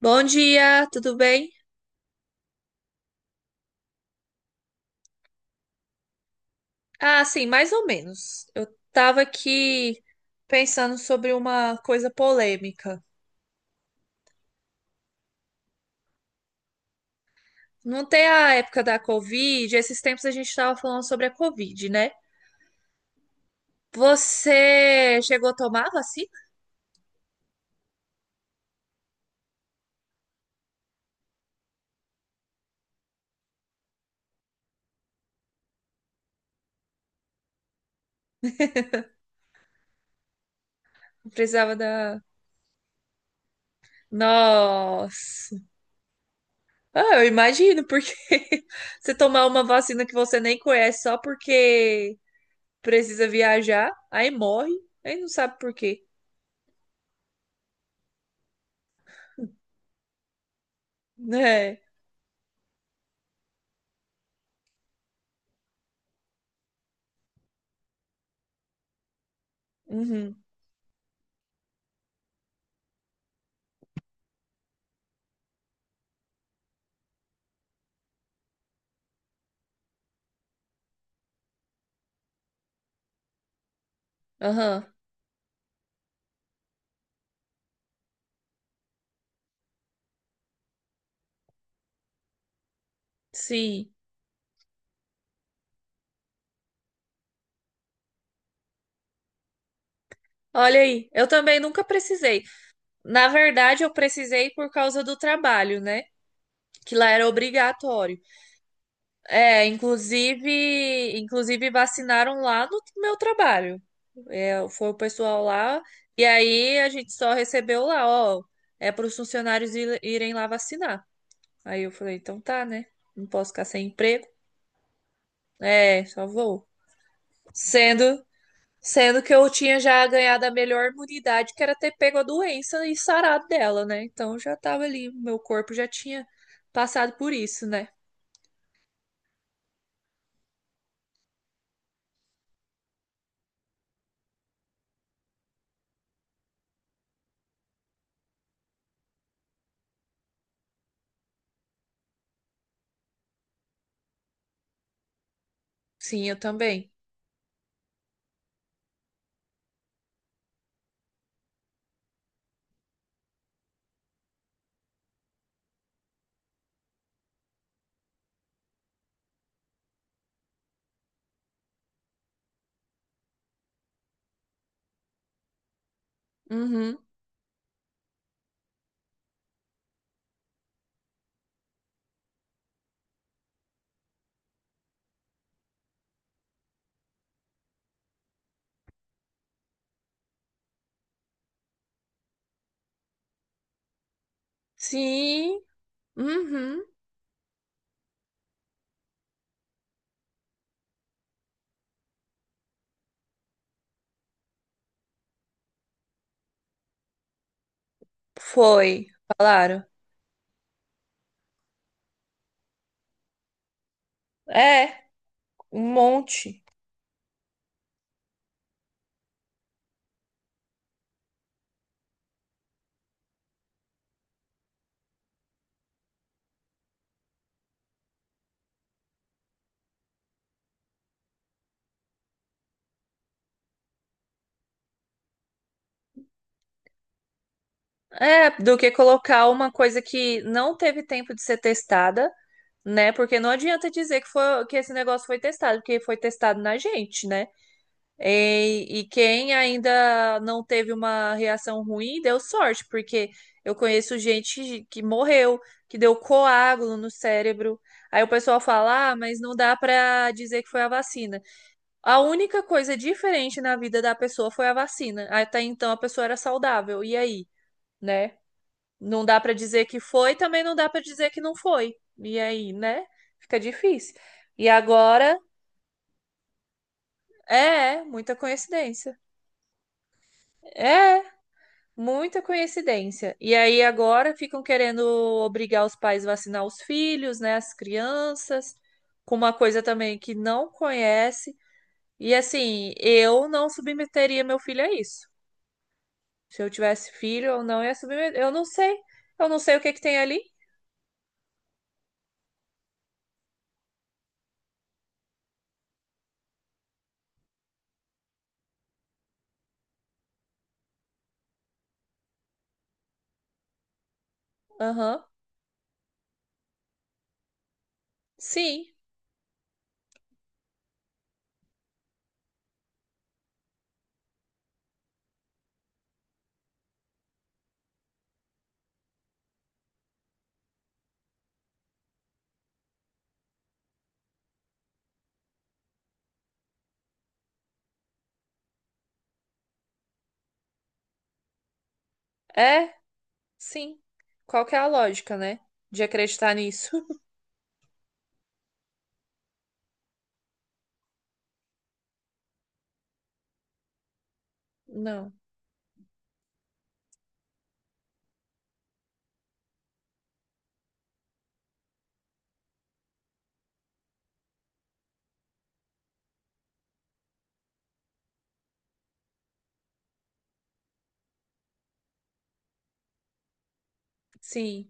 Bom dia, tudo bem? Ah, sim, mais ou menos. Eu tava aqui pensando sobre uma coisa polêmica. Não tem a época da Covid, esses tempos a gente tava falando sobre a Covid, né? Você chegou a tomar a vacina? Não Precisava da. Nossa! Ah, eu imagino, porque você tomar uma vacina que você nem conhece só porque precisa viajar, aí morre, aí não sabe por quê, né? Uhum. Aham, sim. Olha aí, eu também nunca precisei. Na verdade, eu precisei por causa do trabalho, né? Que lá era obrigatório. É, inclusive vacinaram lá no meu trabalho. É, foi o pessoal lá e aí a gente só recebeu lá, ó, é para os funcionários irem lá vacinar. Aí eu falei, então tá, né? Não posso ficar sem emprego. É, só vou. Sendo Sendo que eu tinha já ganhado a melhor imunidade, que era ter pego a doença e sarado dela, né? Então já tava ali, meu corpo já tinha passado por isso, né? Sim, eu também. Uhum. Sim. Uhum. Foi. Falaram. É, um monte. É, do que colocar uma coisa que não teve tempo de ser testada, né? Porque não adianta dizer que foi, que esse negócio foi testado, porque foi testado na gente, né? E quem ainda não teve uma reação ruim deu sorte, porque eu conheço gente que morreu, que deu coágulo no cérebro. Aí o pessoal fala, ah, mas não dá pra dizer que foi a vacina. A única coisa diferente na vida da pessoa foi a vacina. Até então a pessoa era saudável. E aí, né? Não dá pra dizer que foi, também não dá pra dizer que não foi. E aí, né? Fica difícil. E agora, é, é, muita coincidência. É. É. Muita coincidência. E aí agora ficam querendo obrigar os pais a vacinar os filhos, né, as crianças, com uma coisa também que não conhece. E assim, eu não submeteria meu filho a isso. Se eu tivesse filho, eu não ia submeter. Eu não sei. Eu não sei o que que tem ali. Aham. Sim. É, sim. Qual que é a lógica, né? De acreditar nisso? Não. Sim.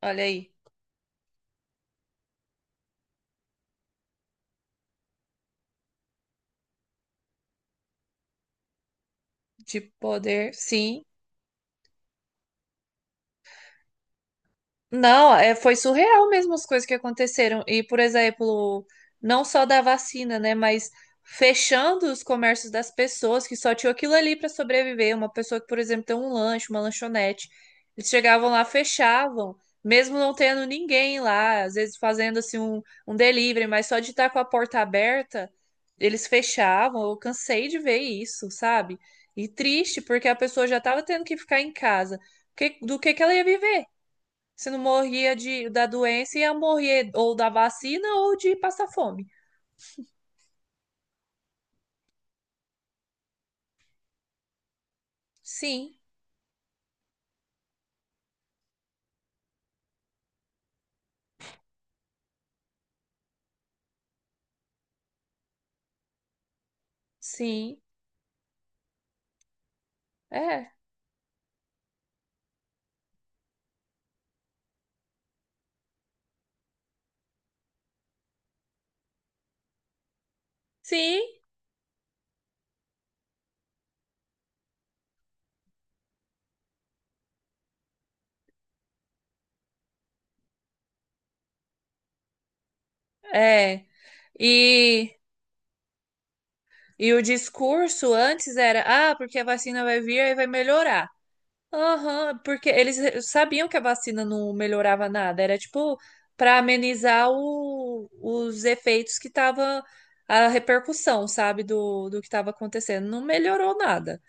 Olha aí. De poder. Sim. Não, é, foi surreal mesmo as coisas que aconteceram. E, por exemplo, não só da vacina, né, mas fechando os comércios das pessoas que só tinham aquilo ali para sobreviver. Uma pessoa que, por exemplo, tem um lanche, uma lanchonete. Eles chegavam lá, fechavam, mesmo não tendo ninguém lá, às vezes fazendo um delivery, mas só de estar com a porta aberta, eles fechavam. Eu cansei de ver isso, sabe? E triste, porque a pessoa já estava tendo que ficar em casa. Do que ela ia viver? Se não morria de, da doença, ia morrer ou da vacina ou de passar fome. Sim, sim, é. Sim, é. E, e o discurso antes era, ah, porque a vacina vai vir e vai melhorar. Aham, porque eles sabiam que a vacina não melhorava nada. Era tipo para amenizar os efeitos que tava a repercussão, sabe, do que estava acontecendo. Não melhorou nada.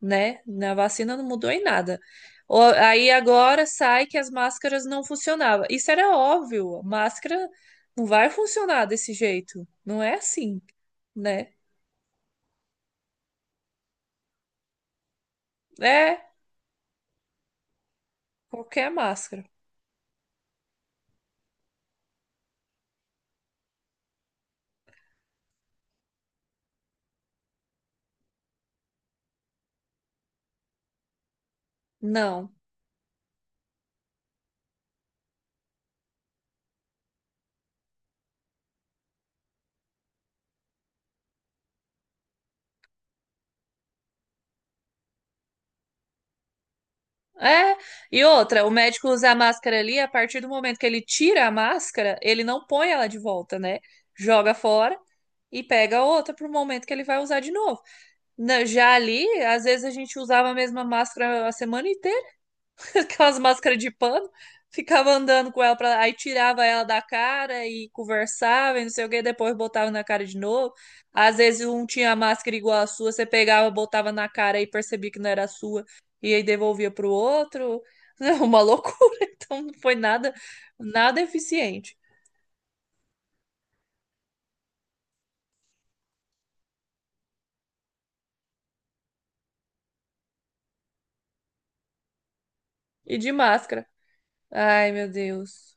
Né? Na vacina não mudou em nada. Aí agora sai que as máscaras não funcionavam. Isso era óbvio, máscara não vai funcionar desse jeito. Não é assim, né? É qualquer máscara. Não. É. E outra, o médico usa a máscara ali, a partir do momento que ele tira a máscara, ele não põe ela de volta, né? Joga fora e pega outra pro momento que ele vai usar de novo. Já ali, às vezes a gente usava a mesma máscara a semana inteira. Aquelas máscaras de pano, ficava andando com ela, pra aí tirava ela da cara e conversava e não sei o que, depois botava na cara de novo. Às vezes um tinha a máscara igual a sua, você pegava, botava na cara e percebia que não era a sua, e aí devolvia pro outro. É uma loucura, então não foi nada, nada eficiente. E de máscara. Ai, meu Deus.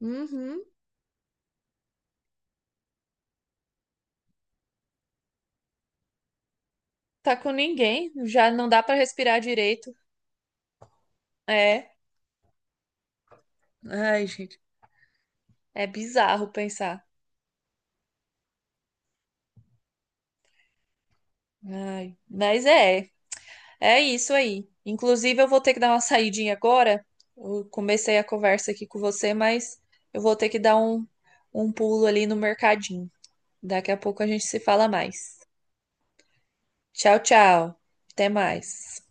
Uhum. Tá com ninguém, já não dá pra respirar direito. É. Ai, gente, é bizarro pensar. Ai, mas é, é isso aí. Inclusive, eu vou ter que dar uma saidinha agora. Eu comecei a conversa aqui com você, mas eu vou ter que dar um pulo ali no mercadinho. Daqui a pouco a gente se fala mais. Tchau, tchau. Até mais.